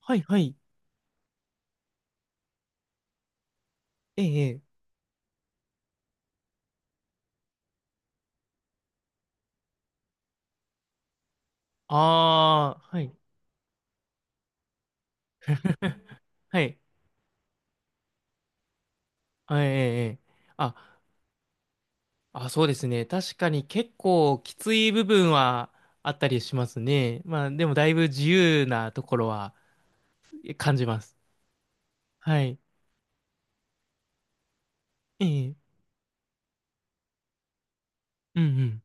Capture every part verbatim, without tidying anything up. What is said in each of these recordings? はいはい。ええ、ええ。ああ、はい。はい。あええ、ええ。あ、あ、そうですね。確かに結構きつい部分はあったりしますね。まあ、でもだいぶ自由なところは感じます。はい。ええ、うんうん。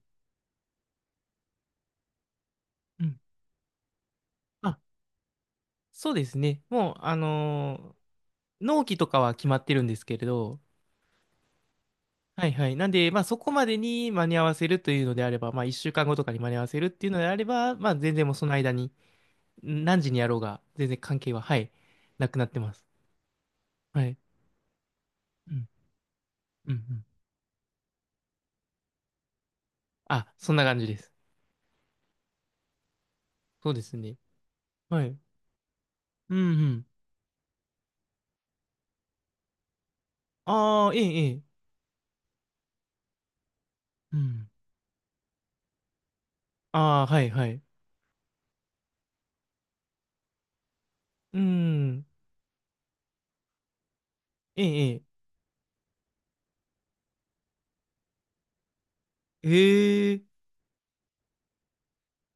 うんあ、そうですね。もう、あのー納期とかは決まってるんですけれど、はいはい。なんで、まあそこまでに間に合わせるというのであれば、まあいっしゅうかんごとかに間に合わせるっていうのであれば、まあ全然もうその間に何時にやろうが、全然関係は、はい、なくなってます。はい。うん、うん、うん。あ、そんな感じです。そうですね。はい。うん、うん。ああ、ええ、ええ。うん。ああ、はい、はい。うん。ええ、ええ。ええ、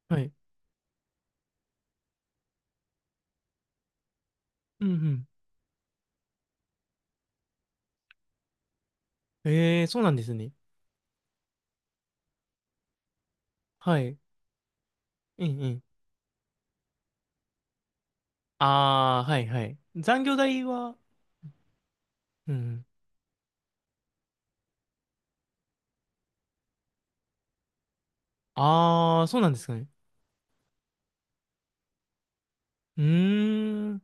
はい。うん、うん。ええ、そうなんですね。はい。ええ、ええ。ああ、はい、はい。残業代は、うん。ああ、そうなんですかね。うーん。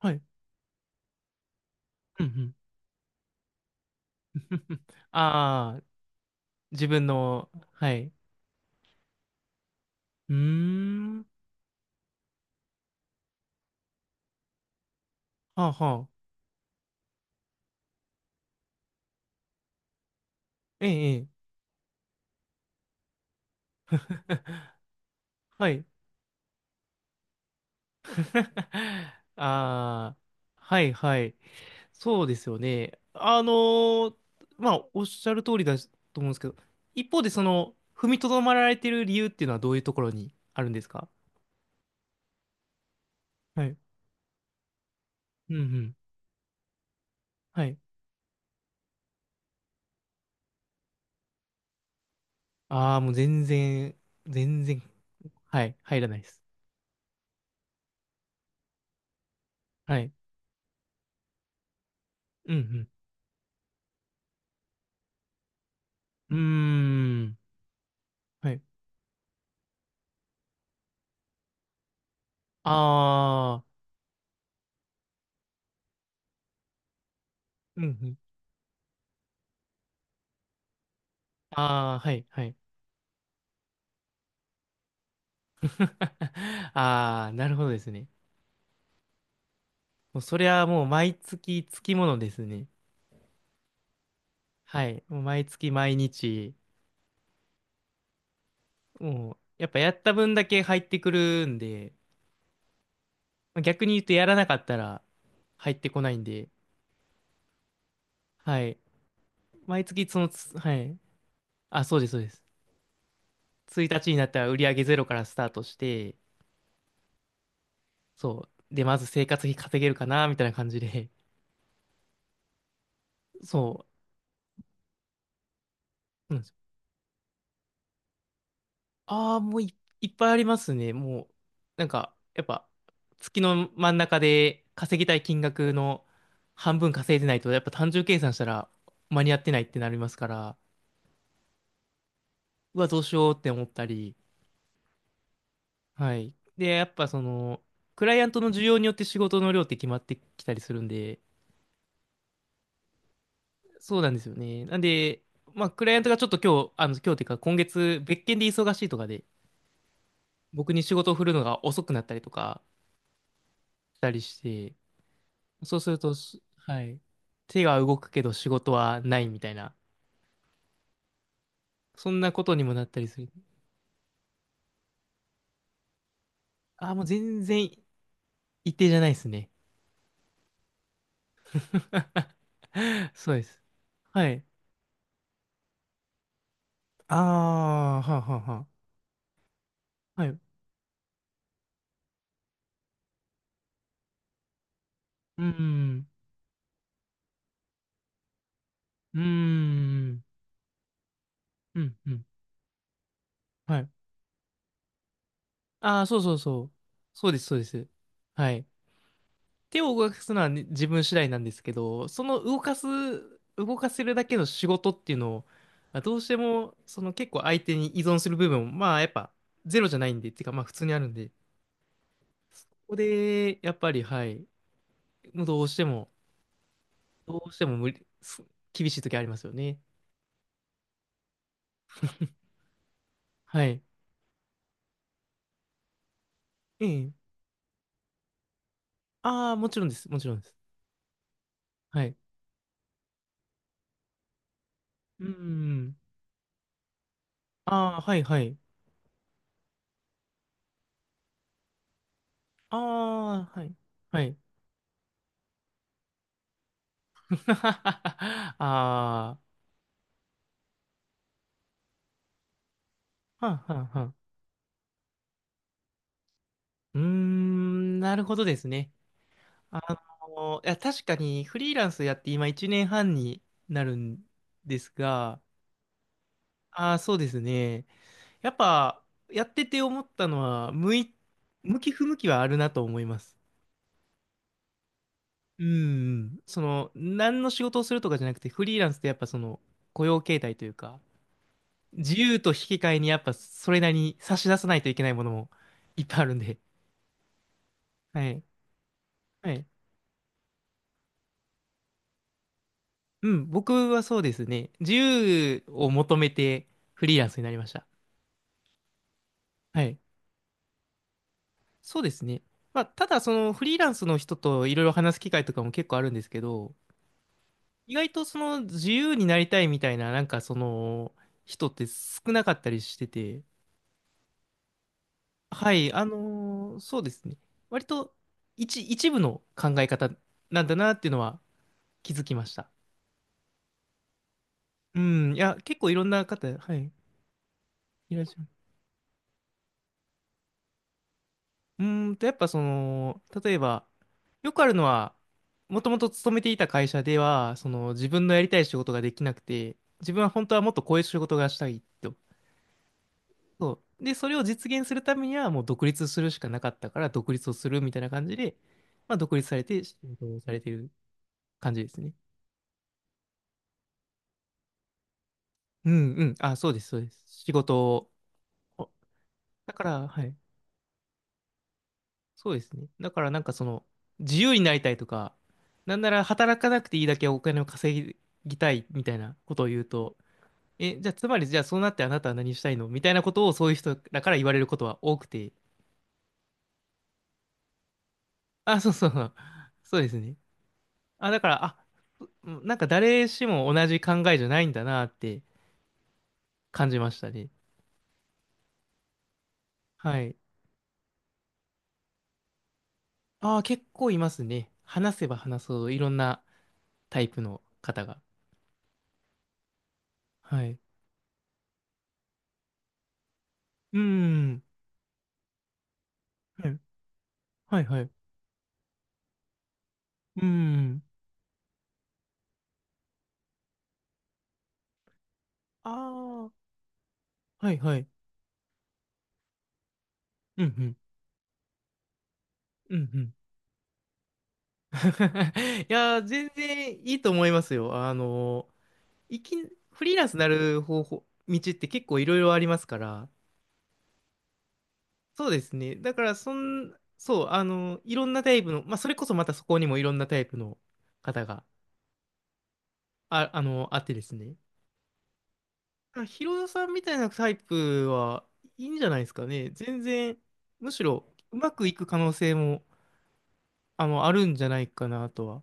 はい。うん、うん。ああ、自分の、はい。うーん。はあ、はあ。ええ、ええ。はい。ああ、はいはい。そうですよね。あのーまあ、おっしゃる通りだと思うんですけど、一方でその、踏みとどまられてる理由っていうのはどういうところにあるんですか？はい。うんうん。はい。ああ、もう全然、全然、はい、入らないです。はい。うんうん。うーん。はい。ああ、うんうん。ああ、はい、はい。ああ、なるほどですね。もうそれはもう毎月つきものですね。はい。もう毎月毎日、もうやっぱやった分だけ入ってくるんで、まあ逆に言うとやらなかったら入ってこないんで、はい。毎月そのつ、はい。あ、そうです、そうです。ついたちになったら売り上げゼロからスタートして、そう。で、まず生活費稼げるかな、みたいな感じで、そう。うんああ、もうい、いっぱいありますね。もう、なんか、やっぱ、月の真ん中で稼ぎたい金額の半分稼いでないと、やっぱ単純計算したら間に合ってないってなりますから、うわ、どうしようって思ったり、はい。で、やっぱその、クライアントの需要によって仕事の量って決まってきたりするんで、そうなんですよね。なんで、まあ、クライアントがちょっと今日、あの、今日っていうか今月、別件で忙しいとかで、僕に仕事を振るのが遅くなったりとかしたりして、そうするとし、はい。手が動くけど仕事はないみたいな。そんなことにもなったりする。ああ、もう全然一定じゃないですね。そうです。はい。ああ、はあはあはあ。はい。うーん。うーん。うん、うん。はい。ああ、そうそうそう。そうです、そうです。はい。手を動かすのはね自分次第なんですけど、その動かす、動かせるだけの仕事っていうのを、まあどうしても、その結構相手に依存する部分も、まあやっぱゼロじゃないんで、っていうかまあ普通にあるんで、ここで、やっぱり、はい、もうどうしても、どうしても無理、す厳しい時ありますよね。はい。ええ。ああ、もちろんです。もちろんです。はい。うーん。ああ、はい、はい。ああ、はい。はい。ああ、はんはんはん。うーん、なるほどですね。あの、いや、確かにフリーランスやって今いちねんはんになるんですが、ああ、そうですね。やっぱ、やってて思ったのは、向い、向き不向きはあるなと思います。うん、その、何の仕事をするとかじゃなくて、フリーランスってやっぱその、雇用形態というか、自由と引き換えにやっぱそれなりに差し出さないといけないものもいっぱいあるんで。はい。はい。うん、僕はそうですね。自由を求めてフリーランスになりました。はい。そうですね。まあ、ただそのフリーランスの人といろいろ話す機会とかも結構あるんですけど、意外とその自由になりたいみたいな、なんかその人って少なかったりしてて、はい、あのーそうですね。割と一、一部の考え方なんだなっていうのは気づきました。うん、いや、結構いろんな方、はい、いらっしゃる。うーんと、やっぱその、例えば、よくあるのは、もともと勤めていた会社では、その自分のやりたい仕事ができなくて、自分は本当はもっとこういう仕事がしたいと。そう。で、それを実現するためにはもう独立するしかなかったから、独立をするみたいな感じで、まあ独立されて、仕事をされてる感じですね。うんうん。あ、そうです、そうです。仕事を。おだから、はい。そうですね。だからなんかその、自由になりたいとか、なんなら働かなくていいだけお金を稼ぎたいみたいなことを言うと、え、じゃあつまりじゃあそうなってあなたは何したいのみたいなことをそういう人だから言われることは多くて。あ、そうそうそう。そうですね。あ、だから、あ、うんなんか誰しも同じ考えじゃないんだなって感じましたね。はい。ああ、結構いますね。話せば話すほどいろんなタイプの方が。はい。うーん。はいはいはい。うーん。ああ、はいはい。うんうん。うんうん。いやー、全然いいと思いますよ。あのー、いき、フリーランスになる方法、道って結構いろいろありますから。そうですね。だから、そん、そう、あのー、いろんなタイプの、まあ、それこそまたそこにもいろんなタイプの方が、あ、あのー、あってですね。まあヒロさんみたいなタイプはいいんじゃないですかね。全然、むしろ、うまくいく可能性も、あの、あるんじゃないかなとは。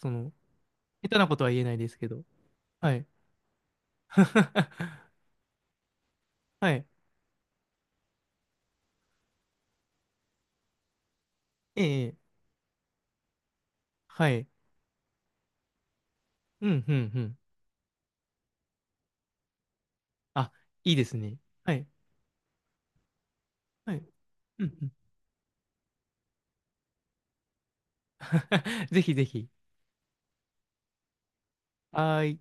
その、下手なことは言えないですけど。はい。はい。ええ、ええはい。うん、うん、うん。あ、いいですね。はい。はい。うん、うん。ぜひぜひ。はーい。